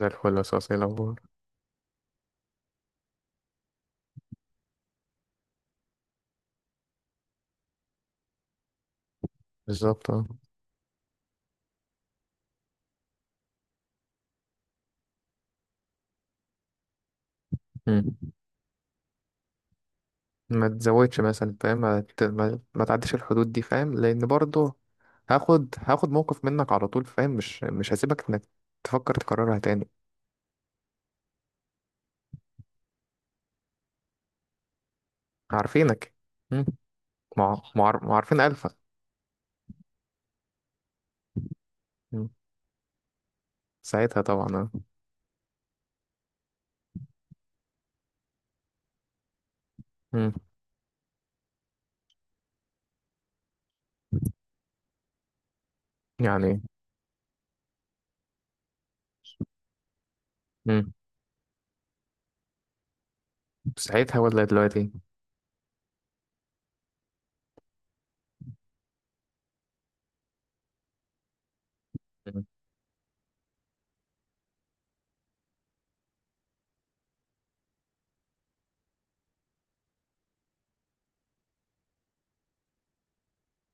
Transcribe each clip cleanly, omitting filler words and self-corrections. زي الفل، اساسي. الاخبار بالظبط، اه. مم. ما تزودش مثلا، فاهم؟ ما, ت- ما, ما تعديش الحدود دي، فاهم؟ لان برضه هاخد موقف منك على طول، فاهم؟ مش هسيبك انك تفكر تكررها تاني. عارفينك. مم. معارفين الفا. مم. ساعتها طبعا، اه. مم. يعني. مم. ساعتها ولا دلوقتي؟ مم.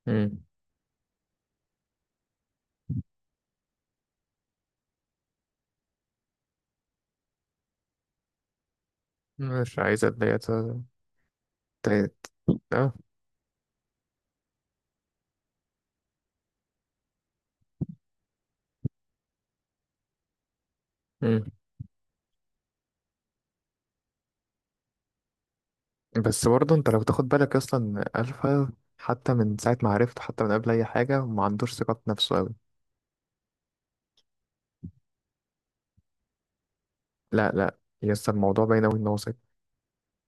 مم. مش عايز اتضايق. ت- ت- اه، بس برضه انت لو تاخد بالك، اصلا الفا حتى من ساعه ما عرفته، حتى من قبل اي حاجه، ما عندوش ثقه في نفسه قوي. لا لا، يا اسطى الموضوع باين قوي ان هو ثقه،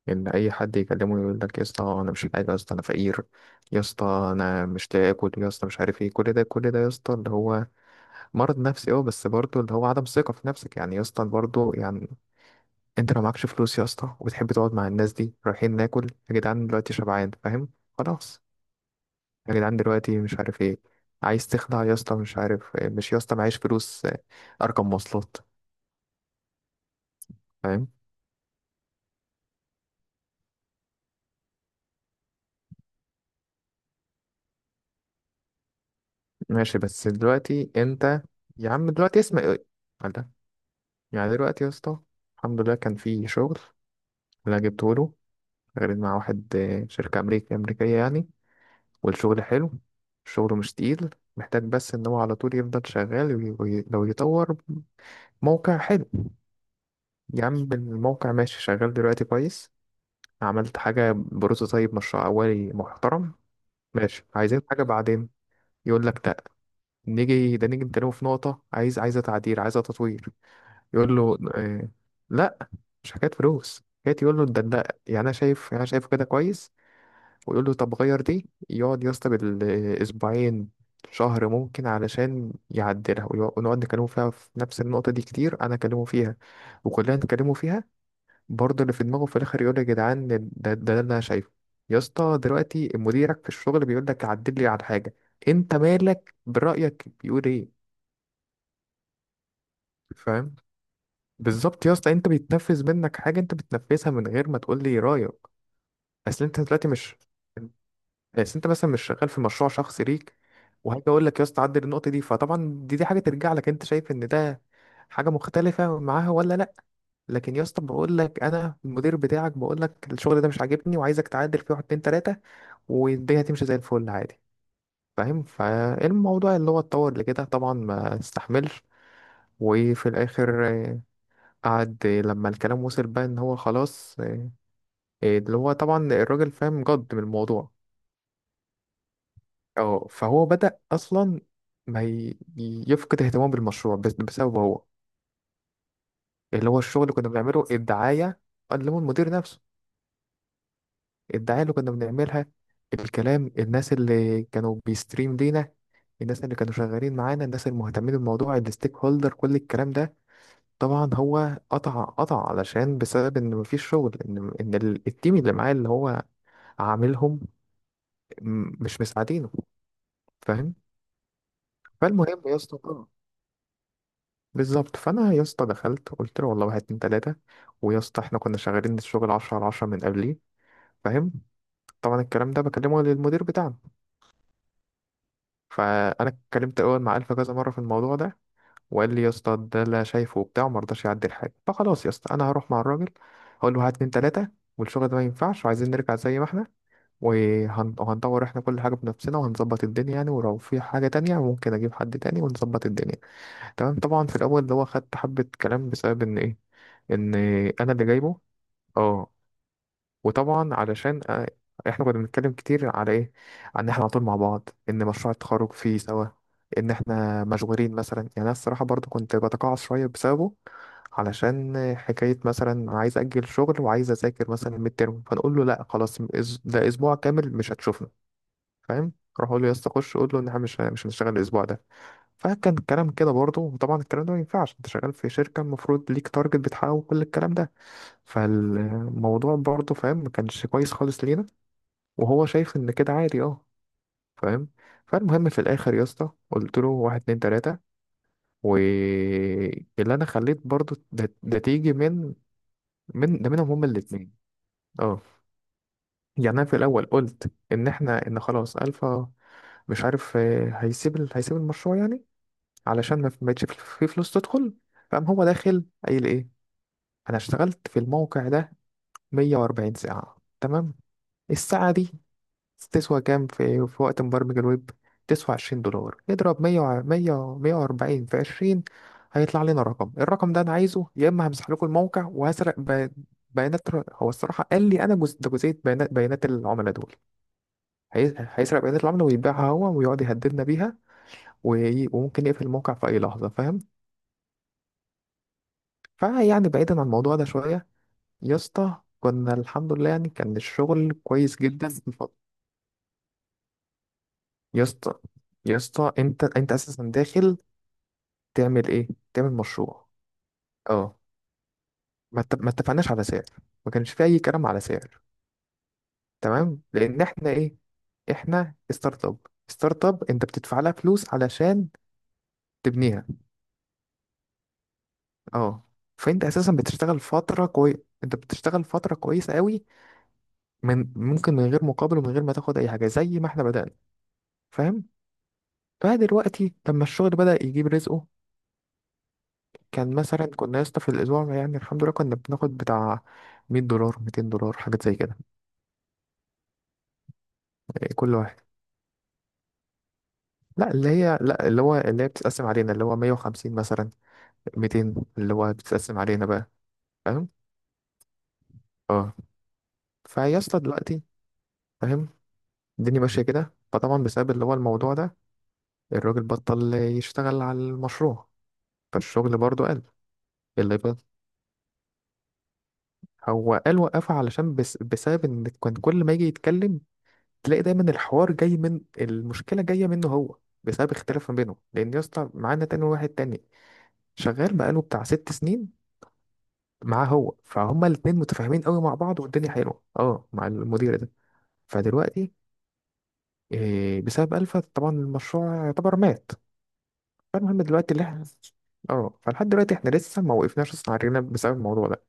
ان اي حد يكلمه يقول لك يا اسطى انا مش حاجه، يا اسطى انا فقير، يا اسطى انا مش لاقي اكل، يا اسطى مش عارف ايه. كل ده كل ده يا اسطى اللي هو مرض نفسي، اه. بس برضه اللي هو عدم ثقه في نفسك، يعني يا اسطى برضه، يعني انت لو معكش فلوس يا اسطى وبتحب تقعد مع الناس دي رايحين ناكل، يا جدعان دلوقتي شبعان، فاهم؟ خلاص. يا جدعان دلوقتي مش عارف ايه، عايز تخلع يا اسطى مش عارف إيه. مش يا اسطى معيش فلوس، ارقم مواصلات، فاهم؟ ماشي، بس دلوقتي انت، يا عم دلوقتي اسمع ايه؟ قال ده. يعني دلوقتي يا اسطى، الحمد لله كان في شغل اللي أنا جبته له، غير مع واحد، شركة أمريكية أمريكية يعني. والشغل حلو، الشغل مش تقيل، محتاج بس إن هو على طول يفضل شغال، لو يطور موقع حلو. يا عم الموقع ماشي، شغال دلوقتي كويس. عملت حاجة بروتوتايب، مشروع أولي محترم، ماشي. عايزين حاجة بعدين، يقول لك لا. نيجي ده، نيجي نتكلم في نقطة، عايز عايزة تعديل، عايزة تطوير. يقول له آه. لا، مش حكاية فلوس، حكاية يقول له ده، لا يعني أنا شايف، يعني أنا شايفه كده كويس. ويقول له طب غير دي، يقعد يا اسطى بالأسبوعين، شهر ممكن علشان يعدلها، ونقعد نكلمه فيها في نفس النقطة دي كتير، أنا أكلمه فيها وكلنا نتكلموا فيها. برضه اللي في دماغه في الاخر يقول يا جدعان ده اللي انا شايفه. يا اسطى دلوقتي مديرك في الشغل بيقول لك عدل لي على حاجه، انت مالك؟ برايك بيقول ايه؟ فاهم؟ بالظبط يا اسطى، انت بيتنفذ منك حاجه، انت بتنفذها من غير ما تقول لي رايك. اصل انت دلوقتي مش، اصل انت مثلا مش شغال في مشروع شخصي ليك وهاجي اقول لك يا اسطى عدل النقطه دي. فطبعا دي حاجه ترجع لك انت، شايف ان ده حاجه مختلفه معاها ولا لا. لكن يا اسطى، بقول لك انا المدير بتاعك بقول لك الشغل ده مش عاجبني وعايزك تعدل فيه واحد اتنين تلاته، والدنيا هتمشي زي الفل عادي. فاهم؟ فالموضوع اللي هو اتطور لكده طبعا ما استحملش. وفي الاخر قعد لما الكلام وصل بقى ان هو خلاص، اللي هو طبعا الراجل فاهم جد من الموضوع. اه، فهو بدأ اصلا ما ي- يفقد اهتمامه بالمشروع، بسببه هو، اللي هو الشغل اللي كنا بنعمله الدعاية. قال له المدير نفسه الدعاية اللي كنا بنعملها، الكلام، الناس اللي كانوا بيستريم لينا، الناس اللي كانوا شغالين معانا، الناس المهتمين بالموضوع، الستيك هولدر، كل الكلام ده طبعا هو قطع قطع علشان بسبب ان مفيش شغل، ان التيم اللي معاه اللي هو عاملهم مش مساعدينه. فاهم؟ فالمهم يا اسطى، بالظبط، فانا يا اسطى دخلت قلت له والله واحد اتنين تلاته. ويا اسطى احنا كنا شغالين الشغل 10 على 10 من قبليه. فاهم؟ طبعا الكلام ده بكلمه للمدير بتاعنا. فانا اتكلمت اول مع الفا كذا مره في الموضوع ده، وقال لي يا اسطى ده اللي أنا شايفه وبتاع، وما رضاش يعدل حاجه. فخلاص يا اسطى انا هروح مع الراجل هقول له هات اتنين تلاته، والشغل ده ما ينفعش، وعايزين نرجع زي ما احنا، وهندور احنا كل حاجه بنفسنا، وهنظبط الدنيا يعني. ولو في حاجه تانية، ممكن اجيب حد تاني ونظبط الدنيا. تمام، طبعا في الاول اللي هو خدت حبه كلام بسبب ان ايه؟ ان انا اللي جايبه. اه. وطبعا علشان احنا كنا بنتكلم كتير على ايه، عن ان احنا على طول مع بعض، ان مشروع التخرج فيه سوا، ان احنا مشغولين مثلا. يعني انا الصراحه برضو كنت بتقاعس شويه بسببه، علشان حكايه مثلا عايز اجل شغل وعايز اذاكر مثلا الميد ترم، فنقول له لا خلاص، ده اسبوع كامل مش هتشوفنا. فاهم؟ اروح اقول له يا اسطى خش قول له ان احنا مش هنشتغل الاسبوع ده. فكان الكلام كده برضو. وطبعا الكلام ده ما ينفعش، انت شغال في شركه المفروض ليك تارجت بتحققه وكل الكلام ده. فالموضوع برضه فاهم، ما كانش كويس خالص لينا، وهو شايف ان كده عادي، اه. فاهم؟ فالمهم في الاخر يا اسطى قلت له واحد اتنين تلاته، واللي انا خليت برضه ده تيجي من ده منهم هما الاتنين. اه. يعني انا في الاول قلت ان احنا، ان خلاص الفا مش عارف هيسيب المشروع يعني، علشان ما بقتش في فلوس تدخل. فقام هو داخل قايل ايه؟ انا اشتغلت في الموقع ده 140 ساعه، تمام. الساعه دي تسوى كام في وقت مبرمج الويب؟ تسوى $20، اضرب مية وأربعين في عشرين، هيطلع لنا رقم. الرقم ده أنا عايزه، يا إما همسح لكم الموقع وهسرق بيانات هو الصراحة قال لي أنا جزء ده، جزئية بيانات، بيانات العملاء دول. هيسرق بيانات العملاء ويبيعها هو ويقعد يهددنا بيها، وممكن يقفل الموقع في أي لحظة. فاهم؟ فيعني بعيدا عن الموضوع ده شوية، يا اسطى كنا الحمد لله يعني كان الشغل كويس جدا. يا اسطى، يا اسطى انت انت اساسا داخل تعمل ايه؟ تعمل مشروع. اه. ما اتفقناش على سعر، ما كانش في اي كلام على سعر. تمام. لان احنا ايه؟ احنا ستارت اب. ستارت اب انت بتدفع لها فلوس علشان تبنيها. اه. فانت اساسا بتشتغل فتره كويس، انت بتشتغل فتره كويسه قوي، من ممكن من غير مقابل ومن غير ما تاخد اي حاجه، زي ما احنا بدانا. فاهم؟ بقى دلوقتي لما الشغل بدا يجيب رزقه، كان مثلا كنا يا اسطى في الاسبوع يعني الحمد لله كنا بناخد بتاع $100 $200، حاجات زي كده. إيه، كل واحد. لا، اللي هي، لا اللي هو اللي هي بتتقسم علينا، اللي هو 150 مثلا 200، اللي هو بتتقسم علينا بقى. فاهم؟ اه. فيا اسطى دلوقتي، فاهم، الدنيا ماشيه كده. فطبعا بسبب اللي هو الموضوع ده، الراجل بطل يشتغل على المشروع، فالشغل برضه قل. اللي بقى، هو قال وقفه علشان بس بسبب ان كان كل ما يجي يتكلم تلاقي دايما الحوار جاي من المشكله، جاه منه هو، بسبب اختلاف ما بينهم. لان يا اسطى معانا تاني واحد تاني شغال بقاله بتاع 6 سنين معاه هو، فهما الاتنين متفاهمين قوي مع بعض والدنيا حلوه، اه، مع المدير ده. فدلوقتي إيه؟ بسبب الفا طبعا المشروع يعتبر مات. فالمهم دلوقتي اللي احنا، اه، فلحد دلوقتي احنا لسه ما وقفناش اصلا على رجلنا بسبب الموضوع ده.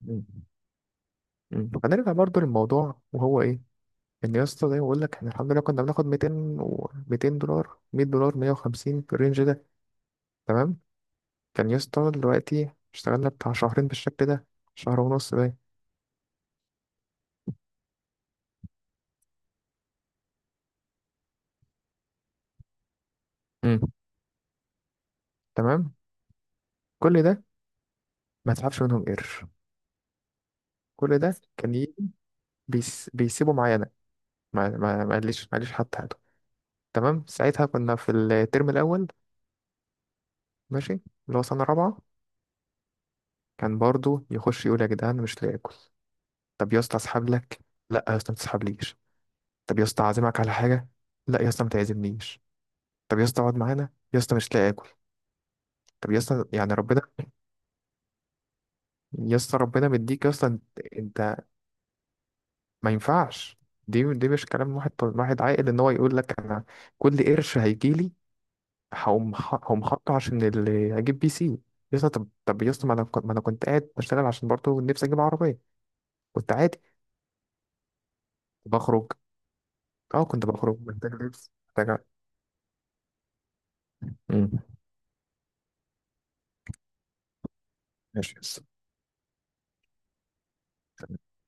مم. مم. فنرجع برضو للموضوع وهو ايه؟ ان يا اسطى زي ما بقول لك احنا الحمد لله كنا بناخد 200 و $200، $100، 150 في الرينج ده. تمام. كان يا اسطى دلوقتي اشتغلنا بتاع شهرين بالشكل ده، شهر ونص ده. مم. تمام. كل ده ما تسحبش منهم قرش، كل ده كان بيسيبه معايا انا. ما قاليش حتى حاجه. تمام. ساعتها كنا في الترم الاول، ماشي، اللي هو سنه رابعه. كان برضو يخش يقول يا جدعان مش لاقي اكل. طب يا اسطى اسحب لك. لا يا اسطى ما تسحبليش. طب يا اسطى اعزمك على حاجه. لا يا اسطى ما تعزمنيش. طب يا اسطى اقعد معانا، يا اسطى مش لاقي اكل. طب يا اسطى يعني ربنا، يا اسطى ربنا مديك يا اسطى انت. انت ما ينفعش، دي دي مش كلام واحد واحد عاقل. ان هو يقول لك انا كل قرش هيجيلي هقوم هقوم حاطه عشان اللي هجيب PC. يسطا طب يسطا، ما انا كنت قاعد بشتغل عشان برضه نفسي اجيب عربيه، كنت عادي بخرج. اه، كنت بخرج محتاج لبس، محتاج. مم. ماشي يسطا.